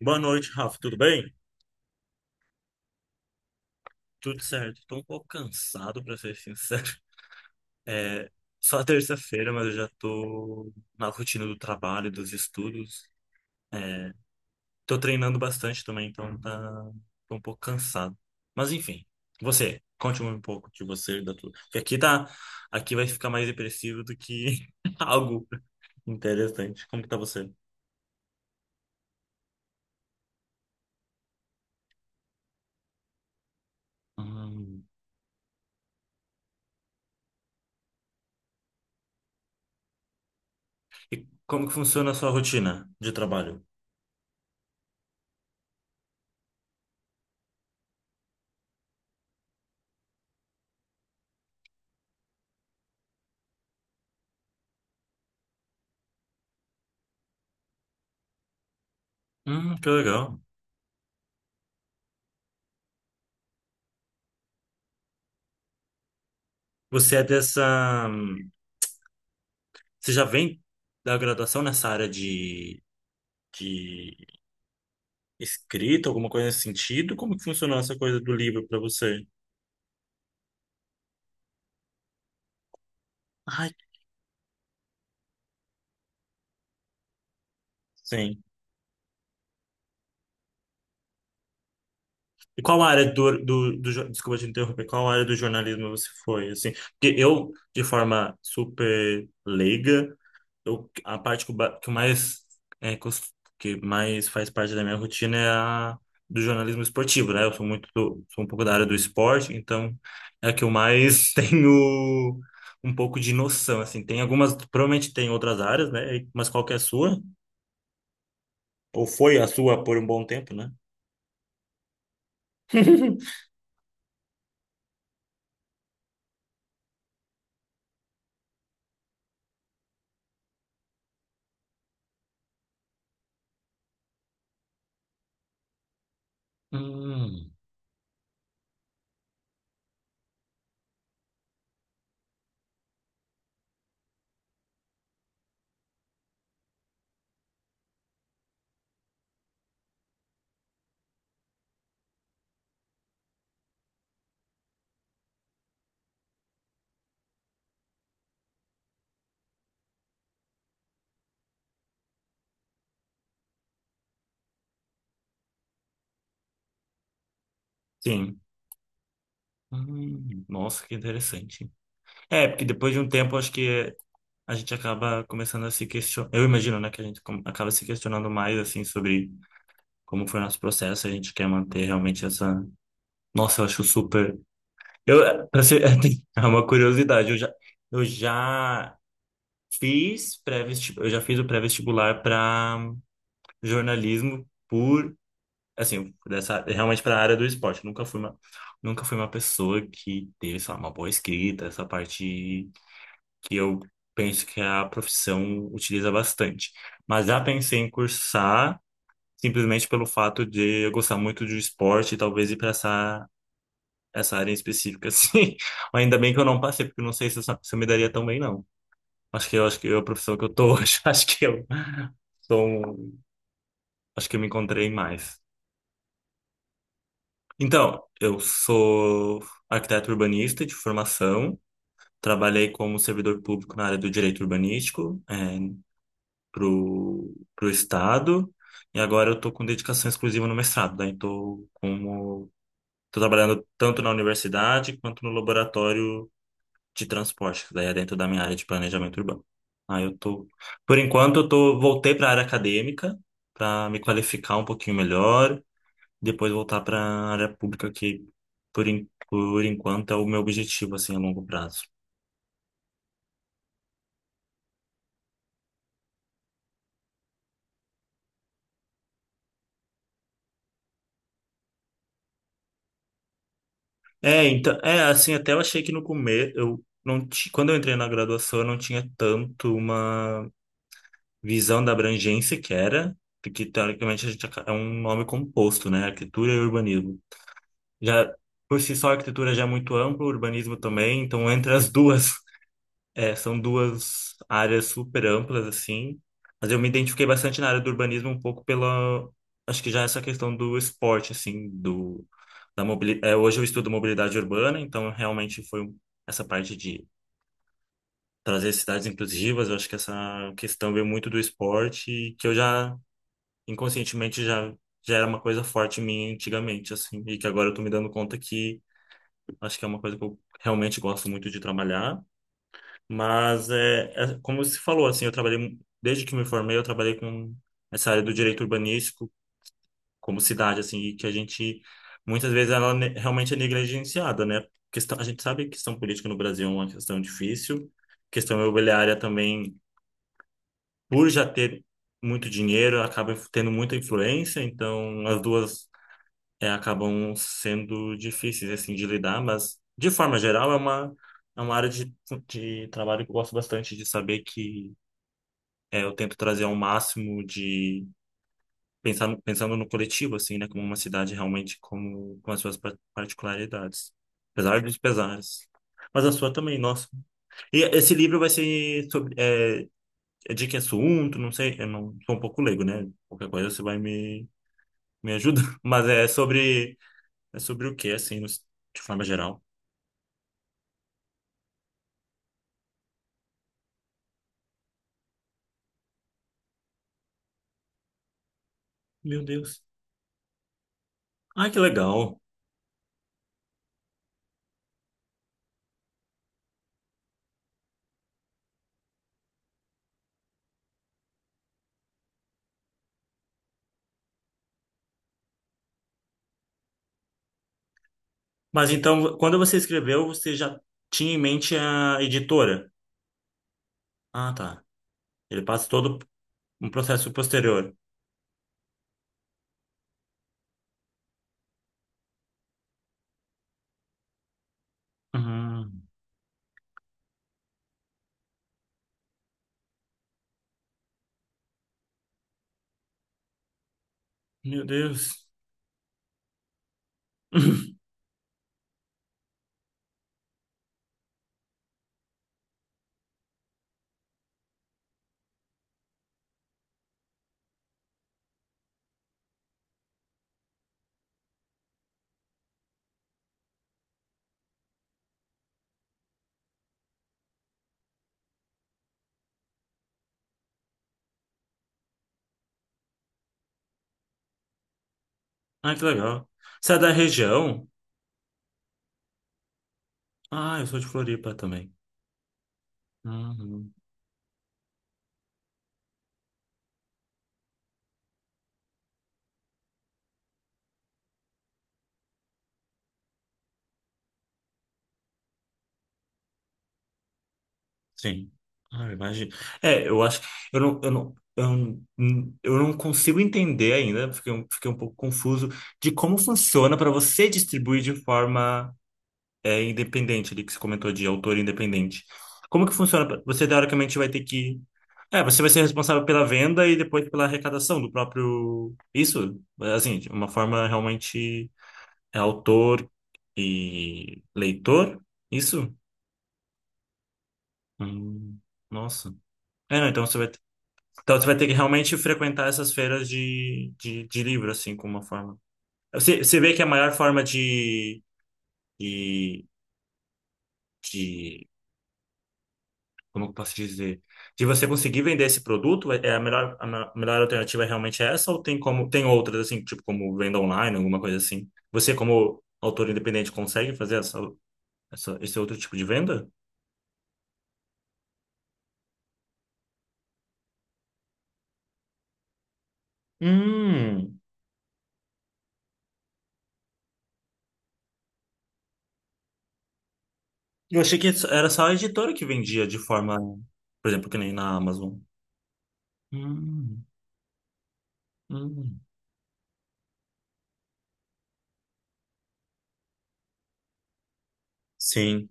Boa noite, Rafa. Tudo bem? Tudo certo. Tô um pouco cansado, pra ser sincero. É só terça-feira, mas eu já tô na rotina do trabalho, dos estudos. Tô treinando bastante também, então tô um pouco cansado. Mas enfim, você, conte um pouco de você, da tua. Porque aqui vai ficar mais depressivo do que algo interessante. Como que tá você? Hum. E como que funciona a sua rotina de trabalho? Que legal. Você é dessa Você já vem da graduação nessa área de escrita, alguma coisa nesse sentido? Como que funcionou essa coisa do livro para você? Ai, sim. E qual área do desculpa te interromper, qual área do jornalismo você foi, assim? Porque eu, de forma super leiga, a parte que eu mais é, cos- que mais faz parte da minha rotina é a do jornalismo esportivo, né? Eu sou muito sou um pouco da área do esporte, então é a que eu mais tenho um pouco de noção, assim. Tem algumas, provavelmente tem outras áreas, né? Mas qual que é a sua? Ou foi a sua por um bom tempo, né? Hum, sim. Nossa, que interessante. É, porque depois de um tempo, acho que é, a gente acaba começando a se questionar. Eu imagino, né, que a gente acaba se questionando mais, assim, sobre como foi o nosso processo. A gente quer manter realmente essa. Nossa, eu acho super. Pra ser... é uma curiosidade. Eu já fiz pré-vestibular. Eu já fiz o pré-vestibular para jornalismo por. Assim, dessa, realmente para a área do esporte. Nunca fui uma pessoa que teve, sei lá, uma boa escrita, essa parte. Que eu penso que a profissão utiliza bastante. Mas já pensei em cursar simplesmente pelo fato de eu gostar muito de um esporte e talvez ir para essa área em específica, assim. Ainda bem que eu não passei, porque eu não sei se se eu me daria tão bem, não. Acho que eu, acho que eu, a profissão que eu tô hoje, sou um- acho que eu me encontrei mais. Então, eu sou arquiteto urbanista de formação. Trabalhei como servidor público na área do direito urbanístico, é, pro, pro estado e agora eu tô com dedicação exclusiva no mestrado. Daí tô trabalhando tanto na universidade quanto no laboratório de transporte, que daí é dentro da minha área de planejamento urbano. Aí eu tô, por enquanto eu tô voltei para a área acadêmica para me qualificar um pouquinho melhor, depois voltar para a área pública que por enquanto é o meu objetivo assim a longo prazo. É, então, é assim, até eu achei que no começo, eu não ti- quando eu entrei na graduação, eu não tinha tanto uma visão da abrangência que era, porque teoricamente é um nome composto, né? Arquitetura e urbanismo. Já por si só, a arquitetura já é muito ampla, o urbanismo também, então entre as duas é, são duas áreas super amplas, assim, mas eu me identifiquei bastante na área do urbanismo um pouco acho que já essa questão do esporte, assim, da mobilidade, hoje eu estudo mobilidade urbana, então realmente essa parte de trazer cidades inclusivas, eu acho que essa questão veio muito do esporte, e que inconscientemente, já era uma coisa forte em mim antigamente, assim, e que agora eu tô me dando conta que acho que é uma coisa que eu realmente gosto muito de trabalhar, mas é, é como você falou, assim, desde que me formei, eu trabalhei com essa área do direito urbanístico como cidade, assim, e que a gente muitas vezes realmente é negligenciada, né? Questão, a gente sabe que questão política no Brasil é uma questão difícil, questão imobiliária também, por já ter muito dinheiro, acaba tendo muita influência, então as duas é, acabam sendo difíceis assim de lidar, mas de forma geral é uma área de trabalho que eu gosto bastante de saber que é, eu tento trazer ao máximo de pensar no- pensando no coletivo assim, né, como uma cidade realmente como com as suas particularidades, apesar dos pesares. Mas a sua também, nossa. E esse livro vai ser sobre é, é de que assunto? Não sei, eu não sou um pouco leigo, né? Qualquer coisa você vai me ajuda, mas é sobre o que assim, de forma geral. Meu Deus. Ai, que legal. Mas então, quando você escreveu, você já tinha em mente a editora? Ah, tá. Ele passa todo Um processo posterior. Ah, meu Deus. Ah, que legal. Você é da região? Ah, eu sou de Floripa também. Uhum. Sim. Ah, imagina. É, eu acho que eu não, eu não, eu não, eu não consigo entender ainda, fiquei um pouco confuso de como funciona para você distribuir de forma é independente ali que você comentou de autor independente. Como que funciona? Você teoricamente vai ter que. É, você vai ser responsável pela venda e depois pela arrecadação do próprio. Isso, assim, de uma forma realmente é autor e leitor? Isso? Hum, nossa. É, não, então você vai ter que realmente frequentar essas feiras de livro, assim, como uma forma. Você vê que a maior forma de, de como eu posso dizer, de você conseguir vender esse produto, é é a melhor, a me- melhor alternativa é realmente é essa, ou tem como, tem outras assim, tipo como venda online, alguma coisa assim? Você, como autor independente, consegue fazer esse outro tipo de venda? Hum, eu achei que era só a editora que vendia de forma, por exemplo, que nem na Amazon. Hum, hum. Sim,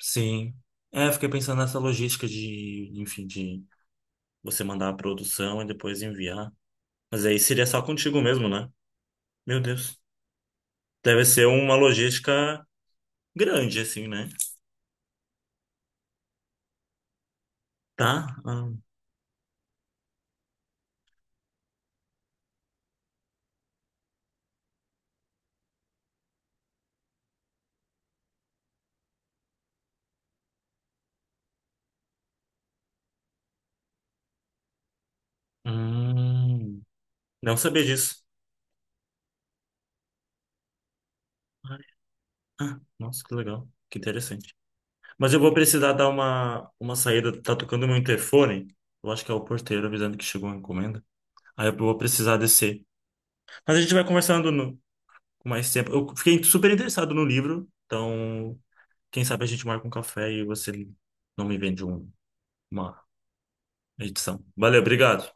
sim. É, eu fiquei pensando nessa logística de, enfim, de você mandar a produção e depois enviar. Mas aí seria só contigo mesmo, né? Meu Deus. Deve ser uma logística grande, assim, né? Tá? Ah, hum, não sabia disso. Ai, ah, nossa, que legal. Que interessante. Mas eu vou precisar dar uma saída. Tá tocando meu interfone. Eu acho que é o porteiro avisando que chegou uma encomenda. Aí eu vou precisar descer. Mas a gente vai conversando com mais tempo. Eu fiquei super interessado no livro. Então, quem sabe a gente marca um café e você não me vende um- uma edição. Valeu, obrigado.